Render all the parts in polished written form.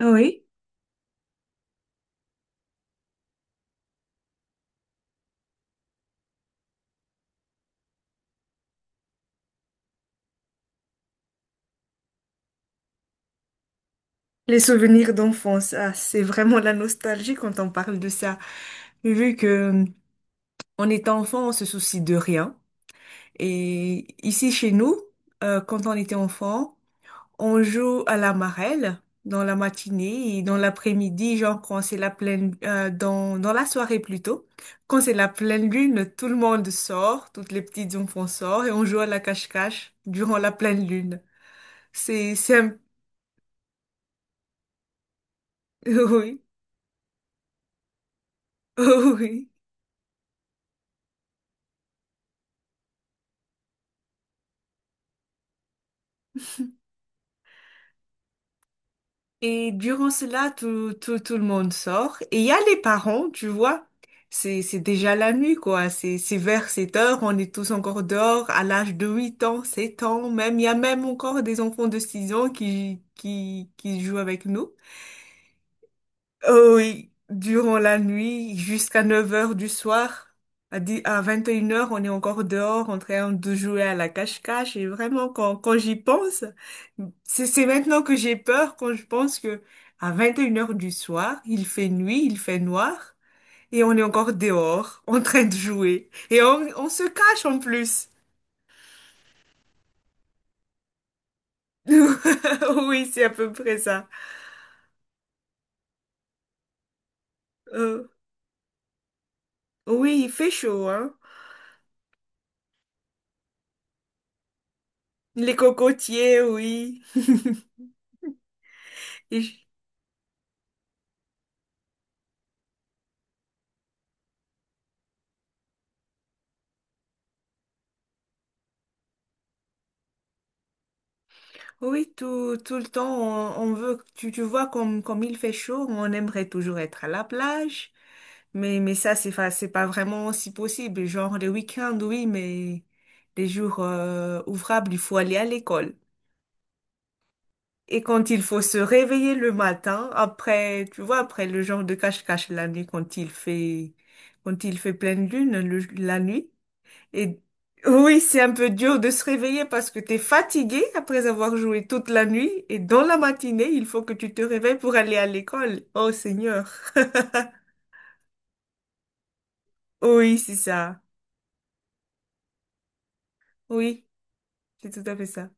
Oui, les souvenirs d'enfance, ah, c'est vraiment la nostalgie quand on parle de ça. Vu que on est enfant, on se soucie de rien. Et ici chez nous, quand on était enfant, on joue à la marelle dans la matinée et dans l'après-midi, genre quand c'est la pleine, dans la soirée plutôt. Quand c'est la pleine lune, tout le monde sort, toutes les petites enfants sortent et on joue à la cache-cache durant la pleine lune. C'est c'est un- oui, oui. Et durant cela, tout le monde sort. Et il y a les parents, tu vois. C'est déjà la nuit, quoi. C'est vers 7 heures. On est tous encore dehors à l'âge de 8 ans, 7 ans, même. Il y a même encore des enfants de 6 ans qui jouent avec nous. Oh oui, durant la nuit, jusqu'à 9 heures du soir, à 10 à 21 heures, on est encore dehors en train de jouer à la cache-cache. Et vraiment, quand j'y pense, c'est maintenant que j'ai peur quand je pense que à 21 heures du soir, il fait nuit, il fait noir, et on est encore dehors en train de jouer. Et on se cache en plus. Oui, c'est à peu près ça. Euh, oui, il fait chaud, hein. Les cocotiers, oui. Oui, tout le temps, on veut, tu vois, comme il fait chaud, on aimerait toujours être à la plage, mais ça, c'est pas vraiment si possible. Genre, les week-ends, oui, mais les jours ouvrables, il faut aller à l'école. Et quand il faut se réveiller le matin, après, tu vois, après le genre de cache-cache la nuit, quand il fait pleine lune, la nuit, et oui, c'est un peu dur de se réveiller parce que t'es fatigué après avoir joué toute la nuit et dans la matinée, il faut que tu te réveilles pour aller à l'école. Oh Seigneur. Oui, c'est ça. Oui, c'est tout à fait ça.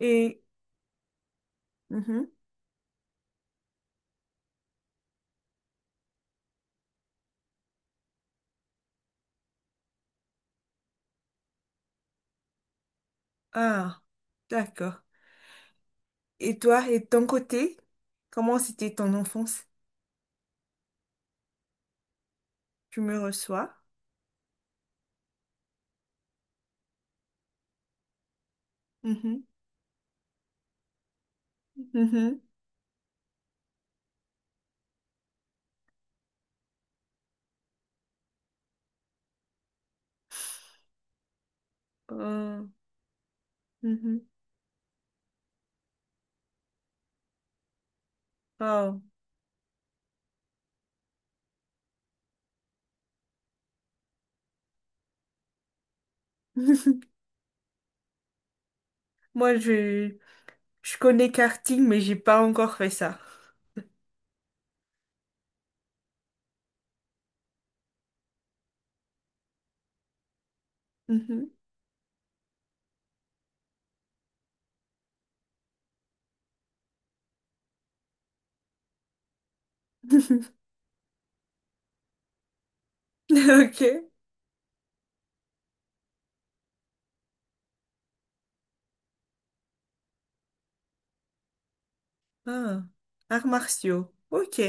Et, mhm. Ah, d'accord. Et toi, et de ton côté, comment c'était ton enfance? Tu me reçois? Mhm, mhm, euh, mhm. Oh. Moi, je connais karting, mais j'ai pas encore fait ça. Mhm. Ok. Ah. Arts martiaux. Ok.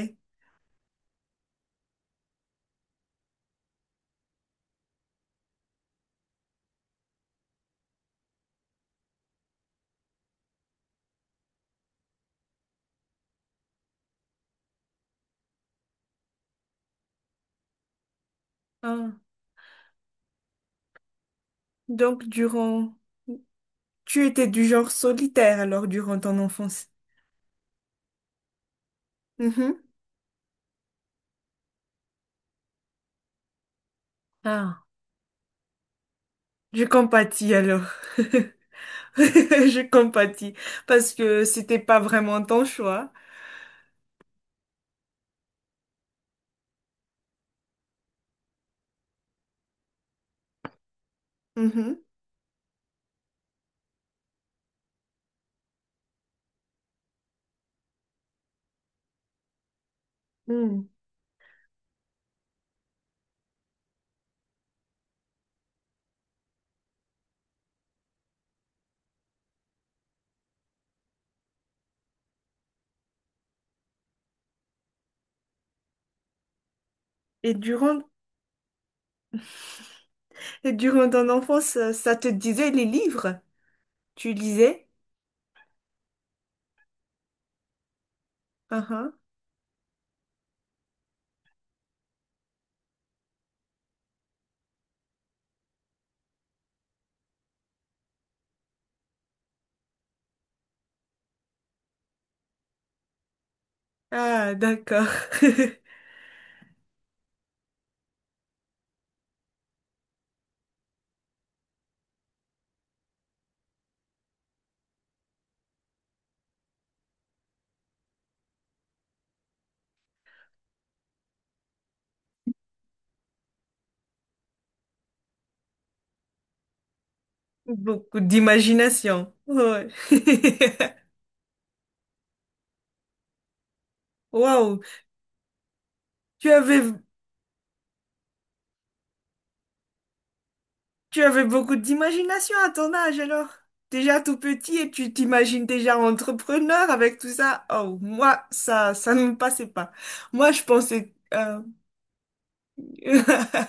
Ah. Donc, durant... Tu étais du genre solitaire alors durant ton enfance. Mhm. Ah. Je compatis alors. Je compatis parce que c'était pas vraiment ton choix. Mhm. Mm. Et durant, et durant ton enfance, ça te disait les livres? Tu lisais? Uhum. Ah, d'accord. Beaucoup d'imagination. Ouais. Waouh. Tu avais, tu avais beaucoup d'imagination à ton âge alors. Déjà tout petit et tu t'imagines déjà entrepreneur avec tout ça. Oh, moi, ça ne me passait pas. Moi, je pensais,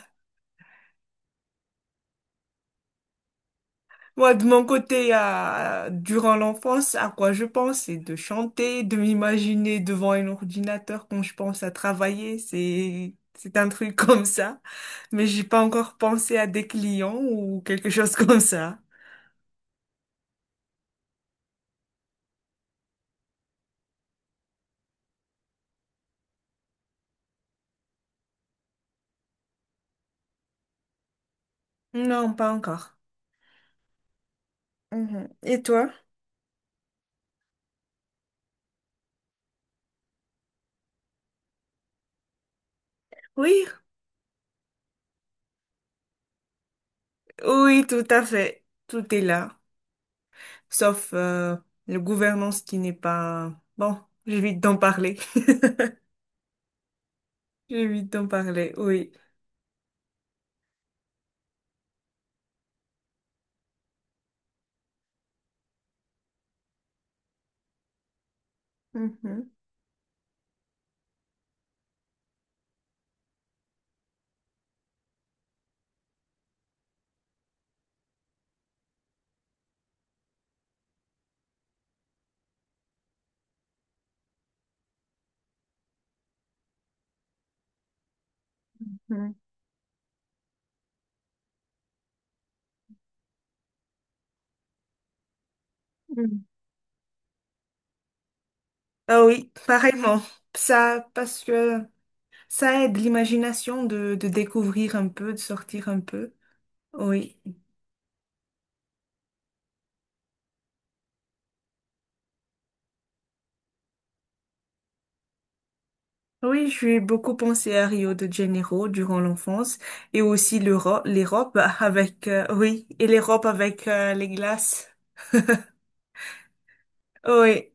Moi, de mon côté, durant l'enfance, à quoi je pense, c'est de chanter, de m'imaginer devant un ordinateur quand je pense à travailler. C'est un truc comme ça. Mais j'ai pas encore pensé à des clients ou quelque chose comme ça. Non, pas encore. Mhm. Et toi? Oui, oui, tout à fait. Tout est là. Sauf la gouvernance qui n'est pas... Bon, j'évite d'en parler. J'évite d'en parler, oui. Mhm, mhm, mhm. Ah oui, pareillement. Ça, parce que ça aide l'imagination de découvrir un peu, de sortir un peu. Oui. Oui, j'ai beaucoup pensé à Rio de Janeiro durant l'enfance et aussi l'Europe, l'Europe avec, oui, et l'Europe avec les glaces. Oui,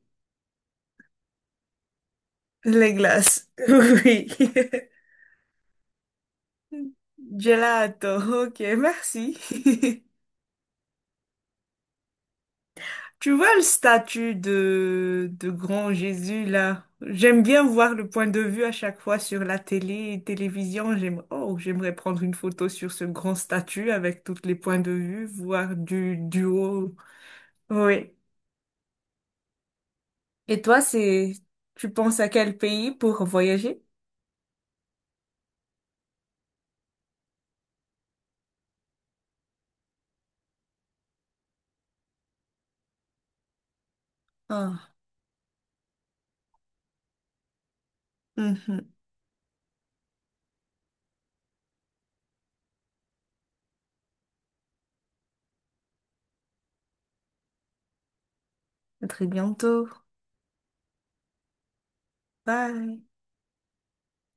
les glaces. Oui. Gelato, ok, merci. Tu vois le statut de grand Jésus là? J'aime bien voir le point de vue à chaque fois sur la télé et télévision. J'aime, oh, j'aimerais prendre une photo sur ce grand statut avec tous les points de vue, voir du haut. Oui. Et toi, c'est, tu penses à quel pays pour voyager? Ah. Mhm. À très bientôt. Bye.